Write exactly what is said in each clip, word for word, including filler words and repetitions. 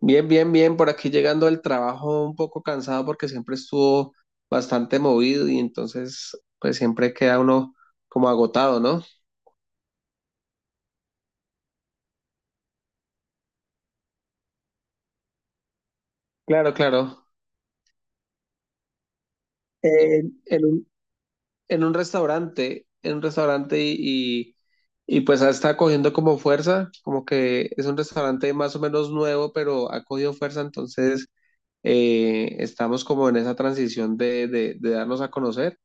Bien, bien, bien, por aquí llegando al trabajo un poco cansado porque siempre estuvo bastante movido y entonces pues siempre queda uno como agotado, ¿no? Claro, claro. En, en un, en un restaurante, en un restaurante y, y, y pues está cogiendo como fuerza, como que es un restaurante más o menos nuevo, pero ha cogido fuerza, entonces eh, estamos como en esa transición de, de de darnos a conocer.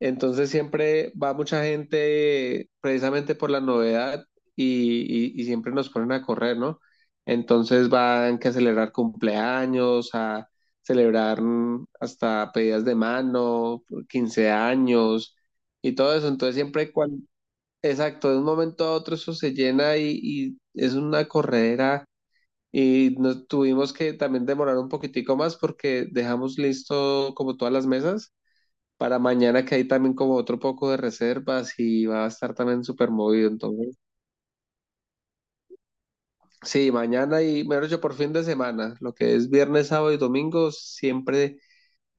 Entonces siempre va mucha gente precisamente por la novedad y, y- y siempre nos ponen a correr, ¿no? Entonces van que a celebrar cumpleaños, a celebrar mm, hasta pedidas de mano, quince años y todo eso. Entonces siempre, cuan- exacto, de un momento a otro eso se llena y, y es una corredera. Y nos tuvimos que también demorar un poquitico más porque dejamos listo como todas las mesas para mañana que hay también como otro poco de reservas y va a estar también súper movido. Entonces, sí, mañana y mejor dicho, por fin de semana, lo que es viernes, sábado y domingo, siempre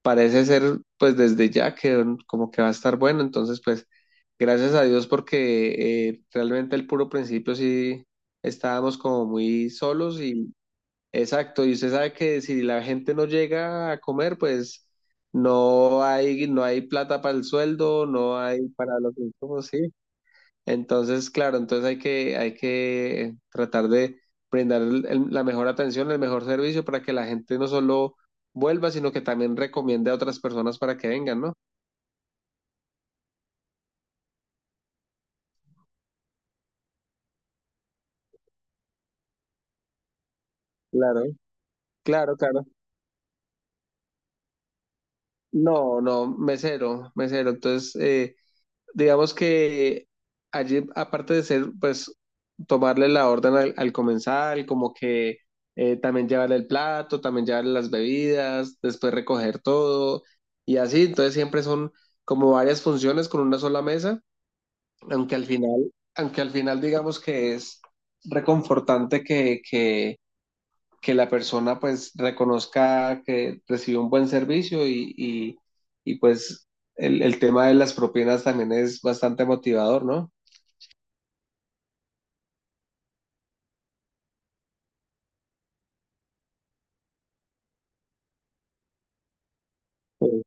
parece ser pues desde ya que mm, como que va a estar bueno. Entonces, pues gracias a Dios porque eh, realmente el puro principio sí estábamos como muy solos y exacto, y usted sabe que si la gente no llega a comer, pues... No hay, no hay plata para el sueldo, no hay para los insumos, sí. Entonces, claro, entonces hay que, hay que tratar de brindar el- el- la mejor atención, el mejor servicio para que la gente no solo vuelva, sino que también recomiende a otras personas para que vengan, ¿no? Claro, claro, claro. No, no, mesero, mesero. Entonces, eh, digamos que allí, aparte de ser, pues, tomarle la orden al, al comensal, como que eh, también llevarle el plato, también llevarle las bebidas, después recoger todo y así. Entonces siempre son como varias funciones con una sola mesa, aunque al final, aunque al final digamos que es reconfortante que, que que la persona pues reconozca que recibió un buen servicio y, y, y pues el, el, tema de las propinas también es bastante motivador, ¿no? Sí,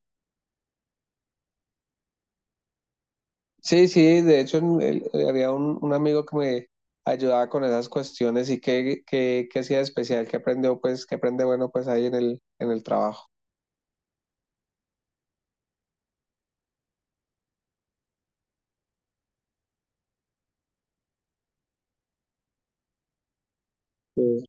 sí, sí de hecho en el- eh, había un, un amigo que me ayudaba con esas cuestiones y que, que, que hacía de especial, que aprendió pues, que aprende bueno pues ahí en el, en el trabajo. Sí,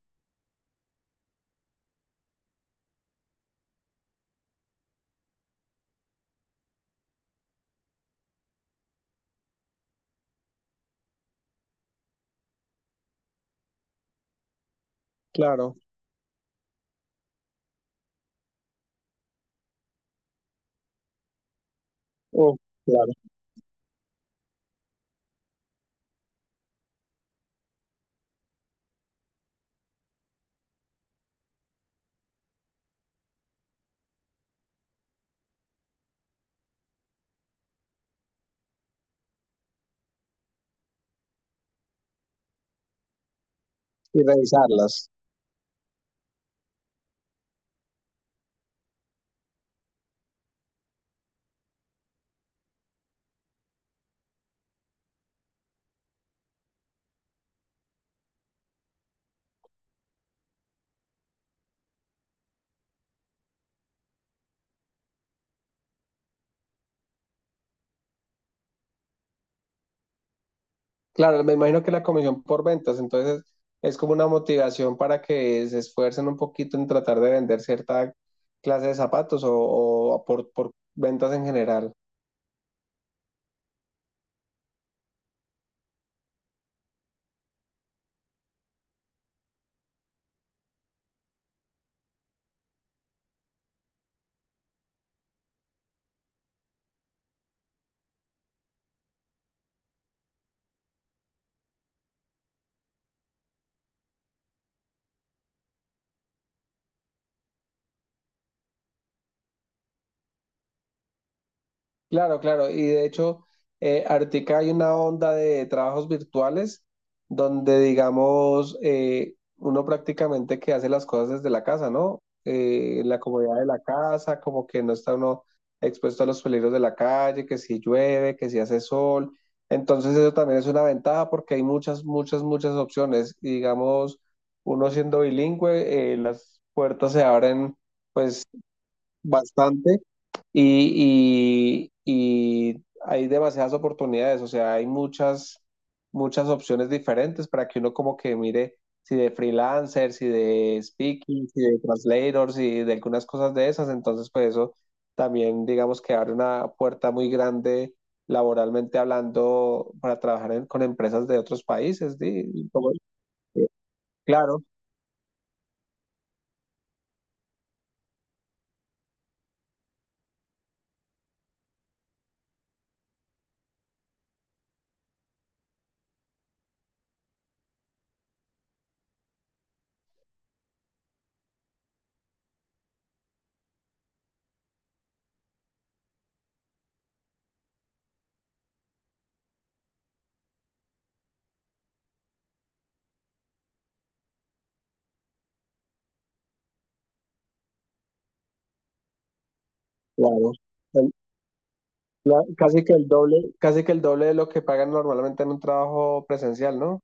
claro. Oh, claro. Y revisarlas. Claro, me imagino que la comisión por ventas, entonces es como una motivación para que se esfuercen un poquito en tratar de vender cierta clase de zapatos o, o por, por ventas en general. Claro, claro. Y de hecho, eh, ahorita hay una onda de trabajos virtuales donde, digamos, eh, uno prácticamente que hace las cosas desde la casa, ¿no? Eh, en la comodidad de la casa, como que no está uno expuesto a los peligros de la calle, que si llueve, que si hace sol. Entonces eso también es una ventaja porque hay muchas, muchas, muchas opciones. Y digamos, uno siendo bilingüe, eh, las puertas se abren pues bastante y, y, y hay demasiadas oportunidades, o sea, hay muchas, muchas opciones diferentes para que uno como que mire si de freelancer, si de speaking, si de translator, si de algunas cosas de esas, entonces pues eso también digamos que abre una puerta muy grande laboralmente hablando para trabajar en- con empresas de otros países, ¿sí? Como- eh, claro, claro. El- la- Casi que el doble, casi que el doble de lo que pagan normalmente en un trabajo presencial, ¿no?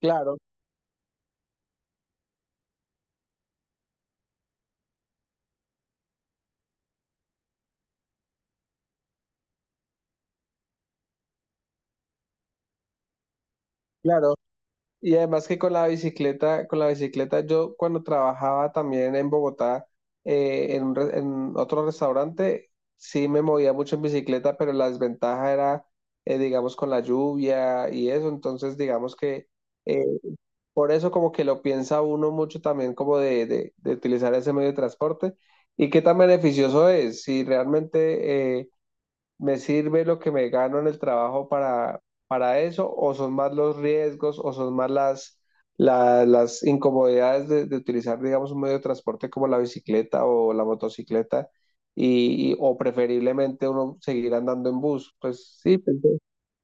Claro, claro. Y además que con la bicicleta, con la bicicleta, yo cuando trabajaba también en Bogotá, eh, en, un re- en otro restaurante, sí me movía mucho en bicicleta, pero la desventaja era, eh, digamos, con la lluvia y eso. Entonces, digamos que eh, por eso como que lo piensa uno mucho también como de, de- de utilizar ese medio de transporte y qué tan beneficioso es. Si realmente... eh, ¿me sirve lo que me gano en el trabajo para, para eso? ¿O son más los riesgos o son más las, la- las incomodidades de, de utilizar, digamos, un medio de transporte como la bicicleta o la motocicleta? Y, y- o preferiblemente uno seguir andando en bus. Pues sí, pienso,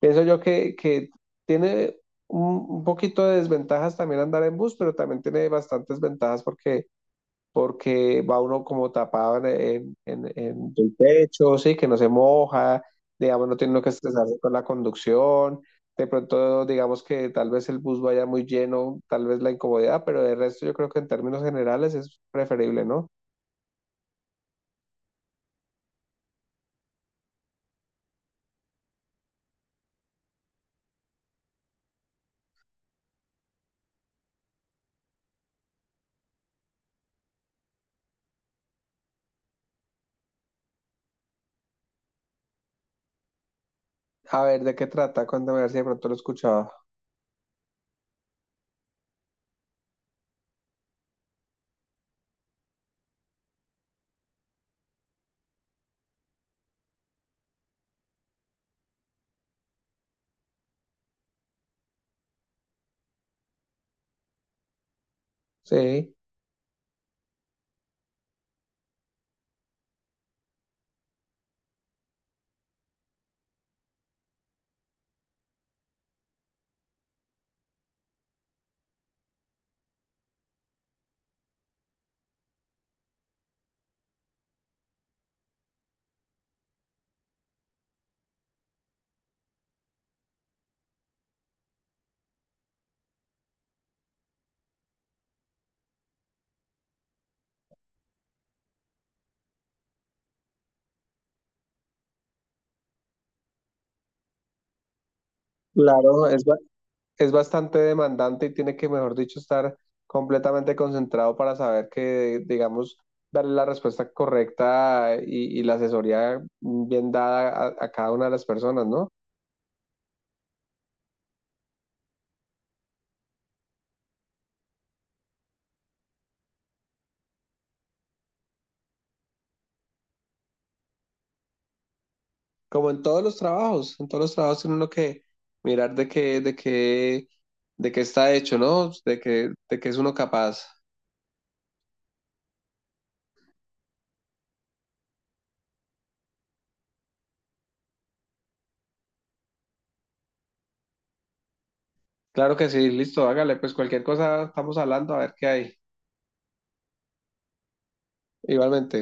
pienso yo que, que tiene un, un poquito de desventajas también andar en bus, pero también tiene bastantes ventajas porque porque va uno como tapado en, en- en el pecho, sí, que no se moja, digamos, no tiene uno que estresarse con la conducción, de pronto digamos que tal vez el bus vaya muy lleno, tal vez la incomodidad, pero de resto yo creo que en términos generales es preferible, ¿no? A ver, ¿de qué trata? Cuéntame a ver si de pronto lo escuchaba. Sí, claro, es es bastante demandante y tiene que, mejor dicho, estar completamente concentrado para saber que, digamos, darle la respuesta correcta y, y la asesoría bien dada a, a, cada una de las personas, ¿no? Como en todos los trabajos, en todos los trabajos tiene uno que mirar de qué, de qué, de qué está hecho, ¿no? De qué, de qué es uno capaz. Claro que sí, listo, hágale, pues cualquier cosa estamos hablando, a ver qué hay. Igualmente.